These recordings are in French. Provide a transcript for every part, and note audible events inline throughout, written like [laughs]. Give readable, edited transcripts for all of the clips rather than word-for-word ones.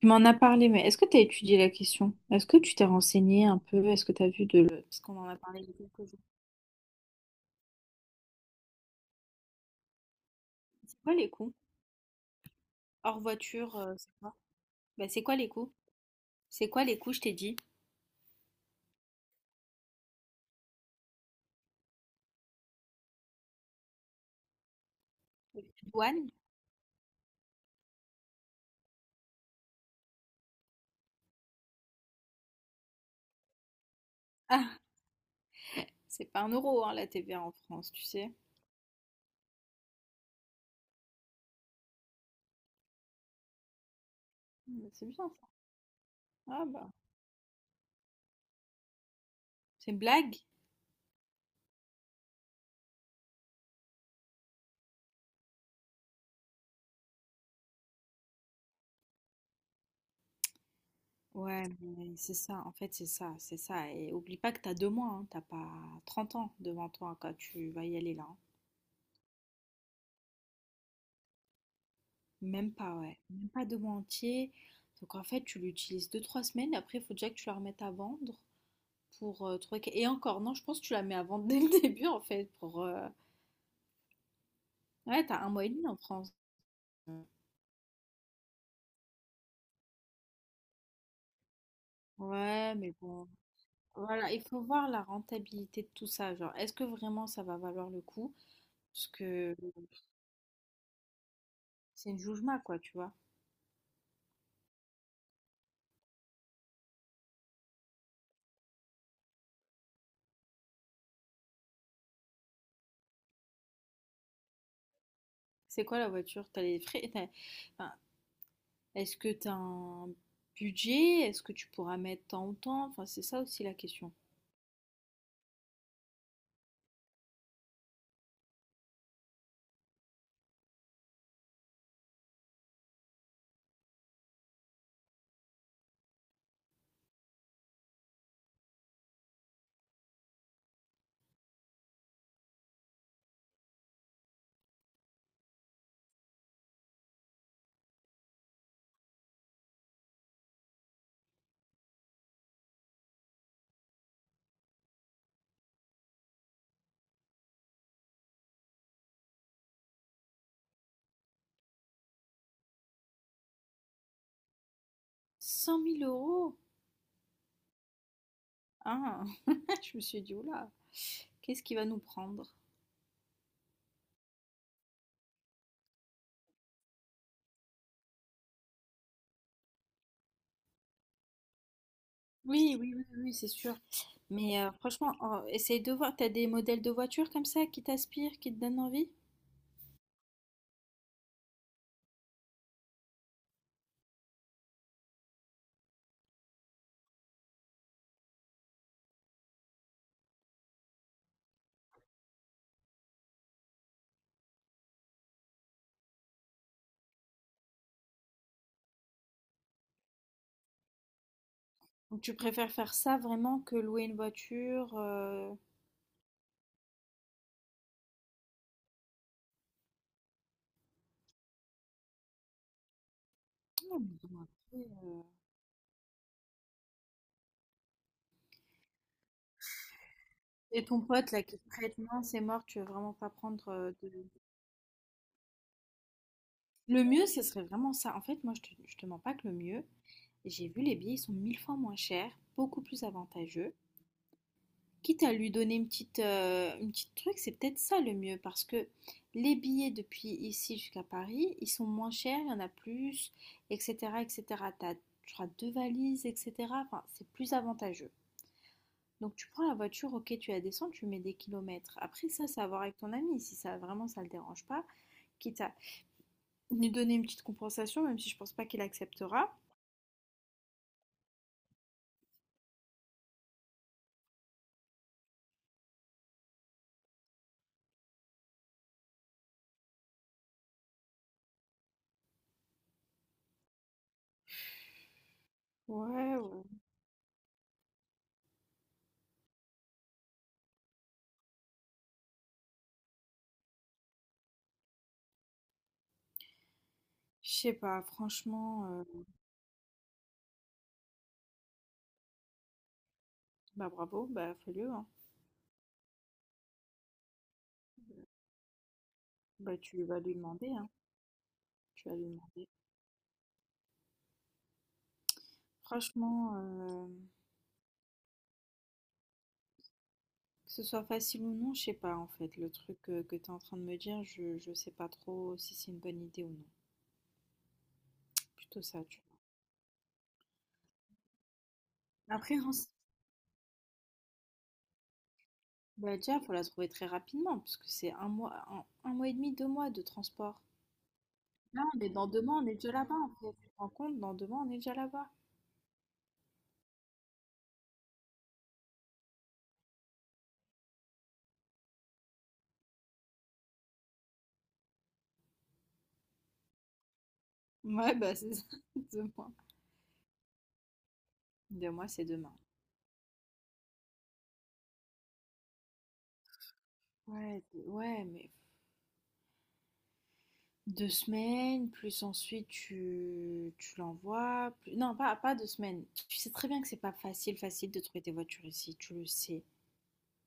Tu m'en as parlé, mais est-ce que tu as étudié la question? Est-ce que tu t'es renseigné un peu? Est-ce que tu as vu Parce qu'on en a parlé il y a quelques jours. C'est quoi les coûts? Hors voiture, c'est quoi? Bah, c'est quoi les coûts? C'est quoi les coûts, je t'ai dit? Les douanes? Ah, c'est pas un euro, hein, la TVA en France, tu sais. Mmh, mais c'est bien ça. Ah bah, c'est une blague? Ouais, mais c'est ça, en fait, c'est ça, c'est ça. Et oublie pas que t'as 2 mois, hein, t'as pas 30 ans devant toi quand tu vas y aller là, hein. Même pas, ouais. Même pas 2 mois entiers. Donc en fait, tu l'utilises deux trois semaines. Après, il faut déjà que tu la remettes à vendre pour trouver. Et encore, non, je pense que tu la mets à vendre dès le [laughs] début en fait. Ouais, t'as un mois et demi en France. Ouais, mais bon. Voilà, il faut voir la rentabilité de tout ça. Genre, est-ce que vraiment ça va valoir le coup? Parce que c'est une joujma, quoi, tu vois. C'est quoi la voiture? T'as les frais. Enfin, est-ce que t'as un budget? Est-ce que tu pourras mettre tant ou tant? Enfin, c'est ça aussi la question. 100 000 euros. Ah! [laughs] Je me suis dit: «Ouh là, qu'est-ce qu'il va nous prendre?» Oui, oui, oui, oui, oui, c'est sûr. Mais franchement, en essaye de voir. T'as des modèles de voitures comme ça qui t'inspirent, qui te donnent envie? Ou tu préfères faire ça vraiment que louer une voiture? Non, mais bon, après, heu et ton pote là qui te prête, non, c'est mort, tu veux vraiment pas prendre de. Le mieux, ce serait vraiment ça. En fait, moi, je te mens pas que le mieux, j'ai vu les billets, ils sont 1 000 fois moins chers, beaucoup plus avantageux. Quitte à lui donner une petite truc, c'est peut-être ça le mieux parce que les billets depuis ici jusqu'à Paris, ils sont moins chers, il y en a plus, etc., etc. T'as, je crois, deux valises, etc. Enfin, c'est plus avantageux. Donc tu prends la voiture, ok, tu la descends, tu mets des kilomètres. Après ça, c'est à voir avec ton ami, si ça vraiment ça le dérange pas, quitte à lui donner une petite compensation, même si je pense pas qu'il acceptera. Ouais, ouais. Je sais pas, franchement, bah bravo, bah fais-le, hein. Bah tu vas lui demander, hein. Tu vas lui demander. Franchement, que ce soit facile ou non, je sais pas en fait. Le truc que tu es en train de me dire, je sais pas trop si c'est une bonne idée ou non. Plutôt ça, tu vois. Après, en bah, déjà, faut la trouver très rapidement, parce que c'est un mois, un mois et demi, 2 mois de transport. Là, on est dans 2 mois, on est déjà là-bas en fait. Tu te rends compte, dans 2 mois, on est déjà là-bas. Ouais, bah c'est ça, [laughs] 2 mois. 2 mois, c'est demain. Ouais, ouais, mais 2 semaines, plus ensuite tu l'envoies. Non, pas 2 semaines. Tu sais très bien que c'est pas facile, facile de trouver des voitures ici, tu le sais.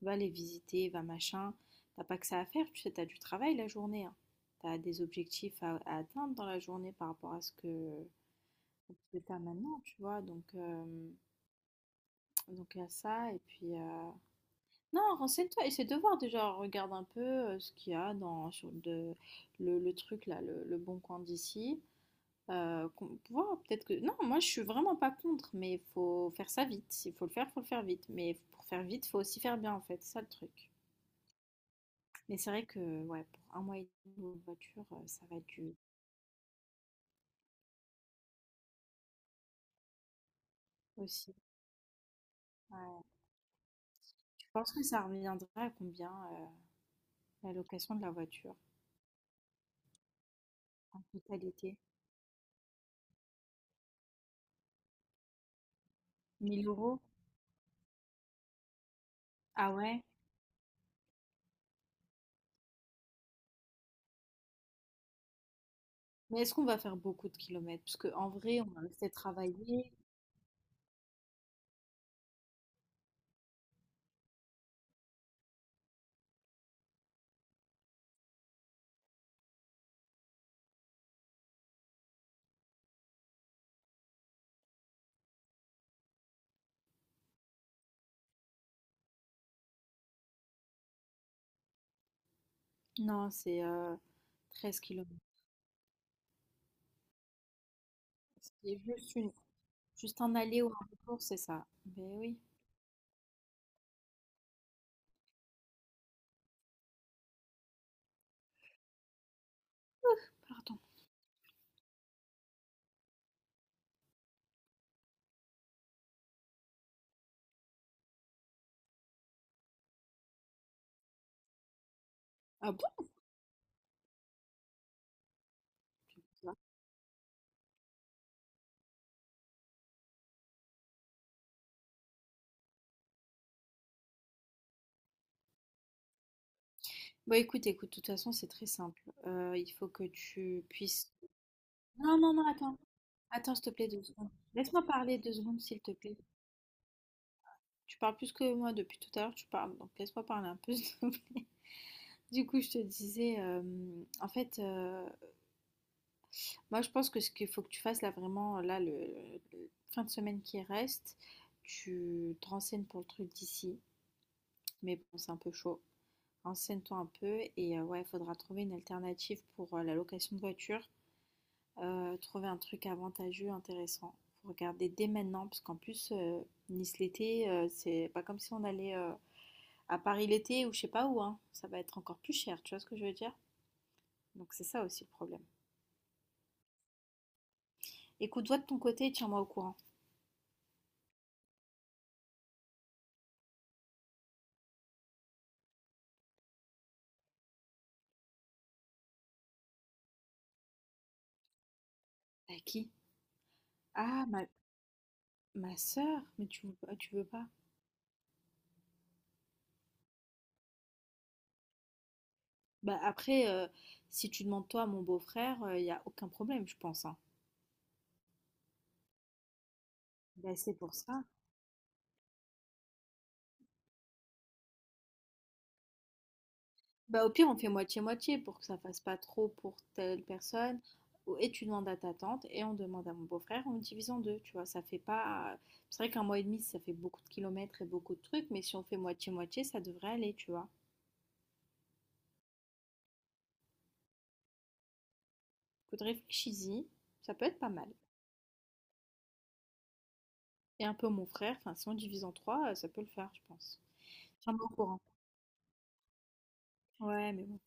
Va les visiter, va machin. T'as pas que ça à faire, tu sais, t'as du travail la journée, hein. T'as des objectifs à atteindre dans la journée par rapport à ce que tu as maintenant, tu vois. Donc il y a ça. Et puis, non, renseigne-toi, essaie de voir déjà, regarde un peu ce qu'il y a dans le truc là, le bon coin d'ici. Voir, peut-être que. Non, moi je suis vraiment pas contre, mais il faut faire ça vite. S'il faut le faire vite. Mais pour faire vite, faut aussi faire bien en fait, c'est ça le truc. Mais c'est vrai que ouais, pour un mois et demi en voiture, ça va être dur aussi. Ouais. Je pense que ça reviendra à combien la location de la voiture en totalité? 1 000 euros? Ah ouais? Mais est-ce qu'on va faire beaucoup de kilomètres? Parce qu'en vrai, on va rester travailler. Non, c'est 13 kilomètres. C'est juste un aller ou un retour, c'est ça. Ben oui. Alors, attends. Ah bon? Bon, écoute, écoute, de toute façon, c'est très simple. Il faut que tu puisses. Non, non, non, attends. Attends, s'il te plaît, 2 secondes. Laisse-moi parler 2 secondes, s'il te plaît. Tu parles plus que moi depuis tout à l'heure, tu parles. Donc, laisse-moi parler un peu, [laughs] s'il te plaît. Du coup, je te disais, en fait, moi, je pense que ce qu'il faut que tu fasses là, vraiment, là, fin de semaine qui reste, tu te renseignes pour le truc d'ici. Mais bon, c'est un peu chaud. Renseigne-toi un peu et ouais, il faudra trouver une alternative pour la location de voiture. Trouver un truc avantageux, intéressant. Faut regarder dès maintenant, parce qu'en plus, Nice l'été, c'est pas comme si on allait à Paris l'été ou je sais pas où, hein. Ça va être encore plus cher, tu vois ce que je veux dire? Donc c'est ça aussi le problème. Écoute, toi de ton côté, et tiens-moi au courant. À qui? Ah, ma sœur? Mais tu veux pas, tu veux pas? Bah après, si tu demandes toi à mon beau-frère, il n'y a aucun problème, je pense, hein. Bah, c'est pour ça. Bah, au pire, on fait moitié-moitié pour que ça fasse pas trop pour telle personne. Et tu demandes à ta tante et on demande à mon beau-frère, on le divise en deux, tu vois, ça fait pas. C'est vrai qu'un mois et demi, ça fait beaucoup de kilomètres et beaucoup de trucs, mais si on fait moitié-moitié, ça devrait aller, tu vois. Écoute, réfléchis-y, ça peut être pas mal. Et un peu mon frère, enfin, si on divise en trois, ça peut le faire, je pense. Tiens-moi au courant. Ouais, mais bon.